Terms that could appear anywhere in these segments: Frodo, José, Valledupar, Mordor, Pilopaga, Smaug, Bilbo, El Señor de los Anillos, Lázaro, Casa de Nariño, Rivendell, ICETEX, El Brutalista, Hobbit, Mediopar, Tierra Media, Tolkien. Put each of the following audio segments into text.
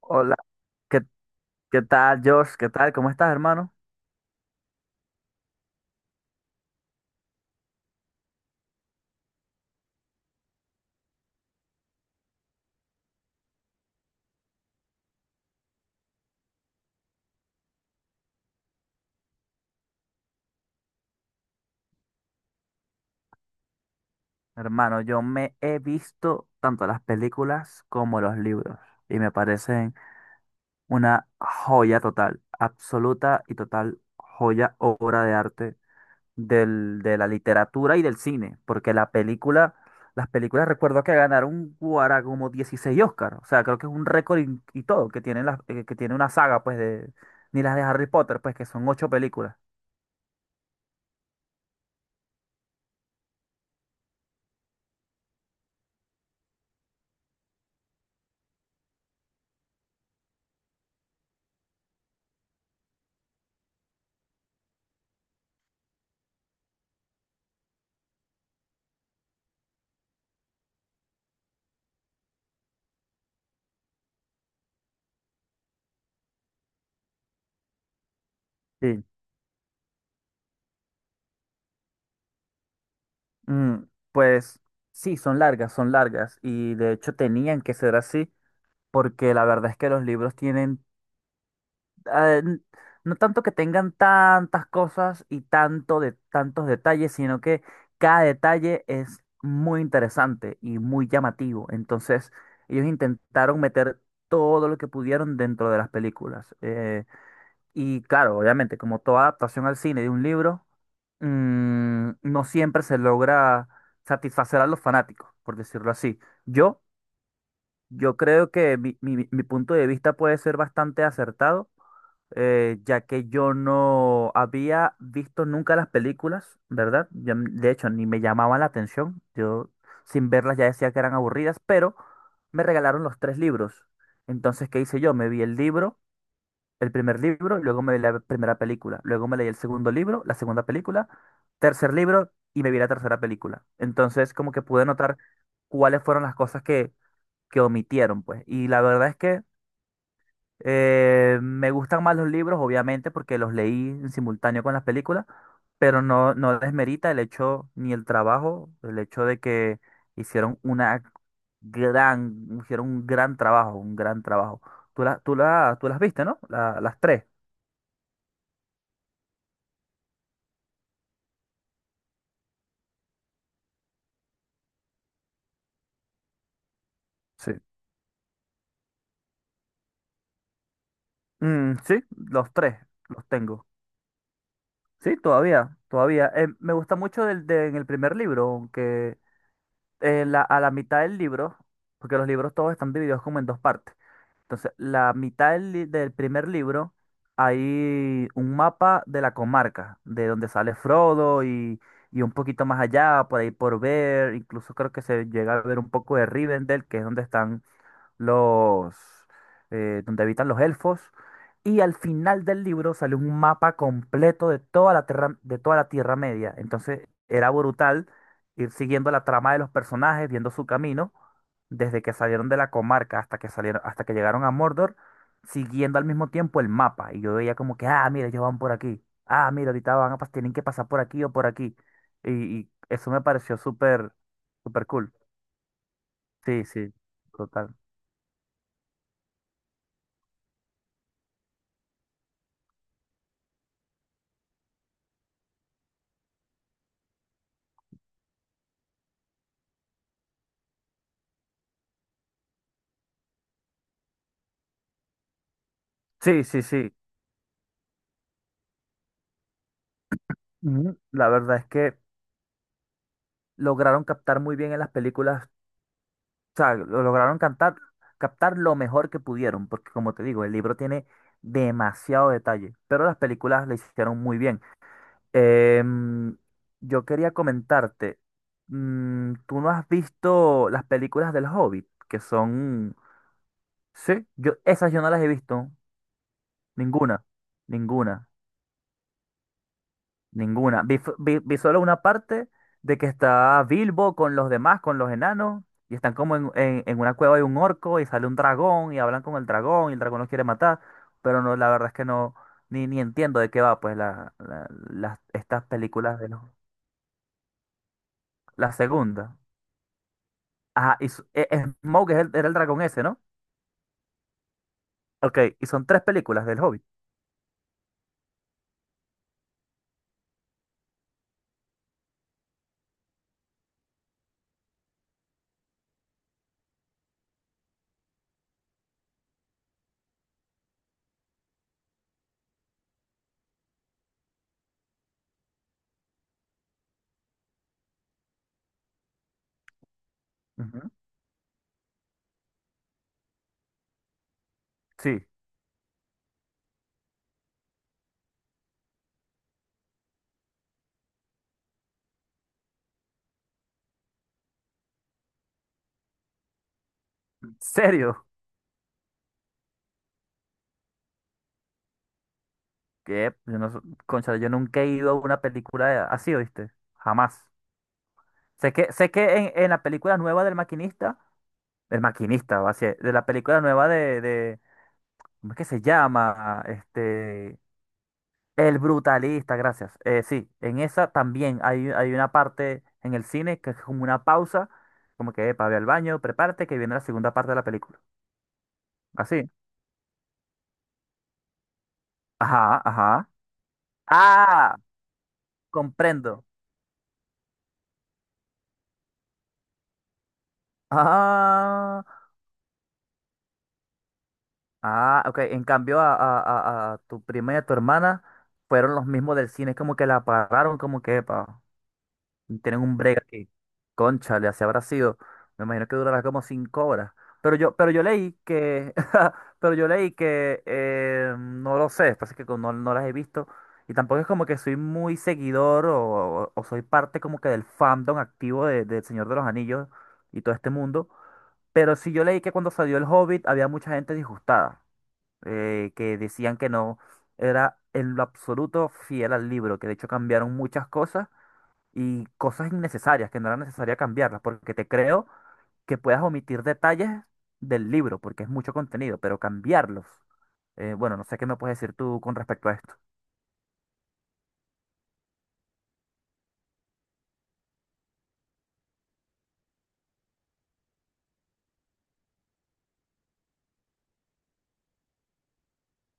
Hola, ¿qué, qué tal, Josh? ¿Qué tal? ¿Cómo estás, hermano? Hermano, yo me he visto tanto las películas como los libros y me parecen una joya total, absoluta y total joya, obra de arte de la literatura y del cine, porque las películas recuerdo que ganaron Guara como 16 Oscar, o sea, creo que es un récord y todo que tiene, que tiene una saga, pues, de, ni las de Harry Potter, pues, que son ocho películas. Mm, pues sí, son largas y de hecho tenían que ser así, porque la verdad es que los libros tienen, eh, n- no tanto que tengan tantas cosas y tanto de tantos detalles, sino que cada detalle es muy interesante y muy llamativo. Entonces, ellos intentaron meter todo lo que pudieron dentro de las películas. Y claro, obviamente, como toda adaptación al cine de un libro, no siempre se logra satisfacer a los fanáticos, por decirlo así. Yo, yo creo que mi punto de vista puede ser bastante acertado, ya que yo no había visto nunca las películas, ¿verdad? De hecho, ni me llamaban la atención. Yo sin verlas ya decía que eran aburridas, pero me regalaron los tres libros. Entonces, ¿qué hice yo? Me vi el primer libro, luego me vi la primera película, luego me leí el segundo libro, la segunda película, tercer libro y me vi la tercera película. Entonces, como que pude notar cuáles fueron las cosas que omitieron, pues. Y la verdad es que, me gustan más los libros, obviamente, porque los leí en simultáneo con las películas, pero no desmerita el hecho ni el trabajo, el hecho de que hicieron una hicieron un gran trabajo, un gran trabajo. Tú las viste, ¿no? Las tres. Sí. Mm, sí, los tres los tengo. Sí, todavía, todavía. Me gusta mucho en el primer libro, aunque a la mitad del libro, porque los libros todos están divididos como en dos partes. Entonces, la mitad del primer libro hay un mapa de la comarca, de donde sale Frodo, y un poquito más allá, por ahí por ver, incluso creo que se llega a ver un poco de Rivendell, que es donde están los donde habitan los elfos. Y al final del libro sale un mapa completo de toda la tierra, de toda la Tierra Media. Entonces era brutal ir siguiendo la trama de los personajes, viendo su camino, desde que salieron de la comarca hasta que salieron, hasta que llegaron a Mordor, siguiendo al mismo tiempo el mapa. Y yo veía como que, ah, mira, ellos van por aquí. Ah, mira, ahorita tienen que pasar por aquí o por aquí. Y, y eso me pareció súper, súper cool. Sí, sí, total. Sí, sí, sí. Ujú. La verdad es que lograron captar muy bien en las películas, o sea, lo lograron cantar, captar lo mejor que pudieron, porque como te digo, el libro tiene demasiado detalle, pero las películas le hicieron muy bien. Em, yo quería comentarte, ¿tú no has visto las películas del Hobbit? Que son, sí, esas yo no las he visto, ninguna, ninguna. Ninguna. Vi solo una parte de que está Bilbo con los demás, con los enanos, y están como en una cueva de un orco y sale un dragón y hablan con el dragón y el dragón los quiere matar. Pero no, la verdad es que no, ni entiendo de qué va, pues, estas películas de los... La segunda. Ajá, Smaug es era el dragón ese, ¿no? Ok, y son tres películas del Hobbit. Ujú. Sí. ¿En serio? Que yo no, concha, yo nunca he ido a una película así, ¿oíste? Jamás. Sé que en la película nueva del maquinista, va a ser, de la película nueva ¿cómo es que se llama? El Brutalista, gracias. Sí, en esa también hay una parte en el cine que es como una pausa, como que, epa, ve al baño, prepárate, que viene la segunda parte de la película. Así. Ajá, ajá. Ah, comprendo. Ah, ah, ok. En cambio, a tu prima y a tu hermana, fueron los mismos del cine, es como que la pararon, como que, epa. Tienen un break aquí. Cónchale, así habrá sido. Me imagino que durará como 5 horas. Pero yo leí que, pero yo leí que, no lo sé, pasa que como no las he visto. Y tampoco es como que soy muy seguidor o soy parte como que del fandom activo de El Señor de los Anillos y todo este mundo. Pero sí yo leí que cuando salió El Hobbit había mucha gente disgustada, que decían que no era en lo absoluto fiel al libro, que de hecho cambiaron muchas cosas y cosas innecesarias que no era necesaria cambiarlas, porque te creo que puedas omitir detalles del libro, porque es mucho contenido, pero cambiarlos. Bueno, no sé qué me puedes decir tú con respecto a esto.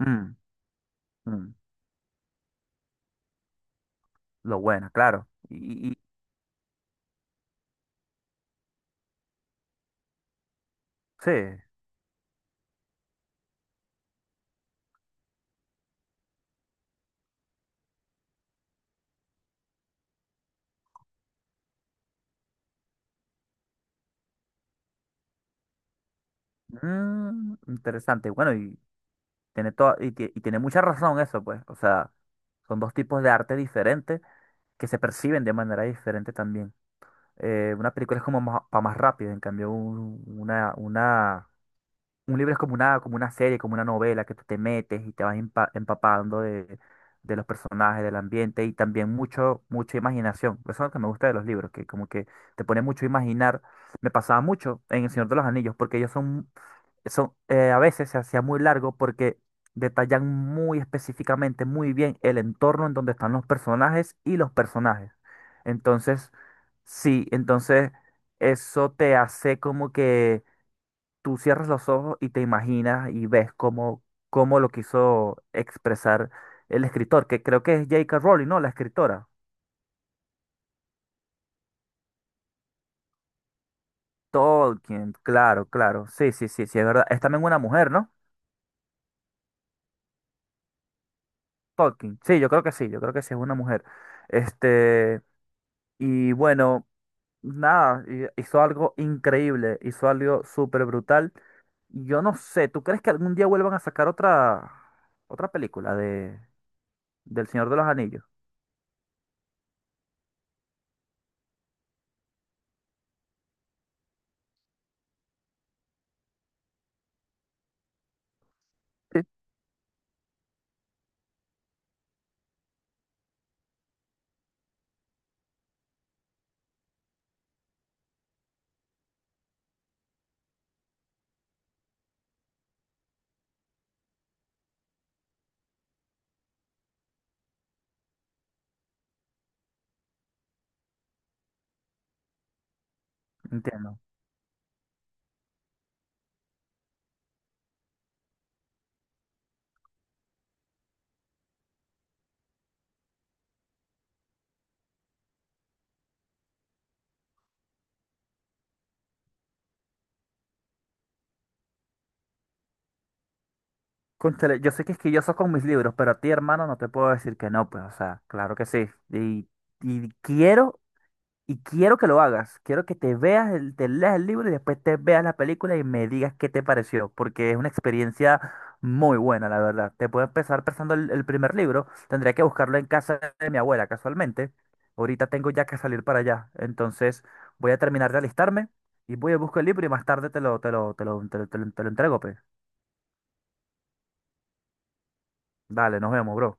Mm, mm, lo bueno, claro. Sí, interesante. Bueno, y tiene toda, y, tie- y tiene mucha razón eso, pues. O sea, son dos tipos de arte diferentes que se perciben de manera diferente también. Una película es como más, para más rápido, en cambio un- una Un libro es como una serie, como una novela que tú te metes y te vas empapando de los personajes, del ambiente y también mucho, mucha imaginación. Eso es lo que me gusta de los libros, que como que te pone mucho a imaginar. Me pasaba mucho en El Señor de los Anillos, porque ellos son, son a veces se hacía muy largo porque detallan muy específicamente, muy bien el entorno en donde están los personajes y los personajes. Entonces, sí, entonces eso te hace como que tú cierras los ojos y te imaginas y ves cómo lo quiso expresar el escritor, que creo que es J.K. Rowling, ¿no? La escritora. Tolkien, claro, claro. Sí, sí, sí, sí, es verdad. Es también una mujer, ¿no? Tolkien. Sí, yo creo que sí, yo creo que sí es una mujer. Este, y bueno, nada, hizo algo increíble, hizo algo súper brutal. Yo no sé, ¿tú crees que algún día vuelvan a sacar otra película del Señor de los Anillos? Sí, entiendo. Cónchale, yo soy quisquilloso con mis libros, pero a ti, hermano, no te puedo decir que no, pues, o sea, claro que sí. Y quiero, y quiero que lo hagas. Quiero que te veas, te leas el libro y después te veas la película y me digas qué te pareció, porque es una experiencia muy buena, la verdad. Te puedo empezar prestando el primer libro. Tendría que buscarlo en casa de mi abuela, casualmente. Ahorita tengo ya que salir para allá. Entonces, voy a terminar de alistarme y voy a buscar el libro y más tarde te lo entrego, pues. Dale, nos vemos, bro.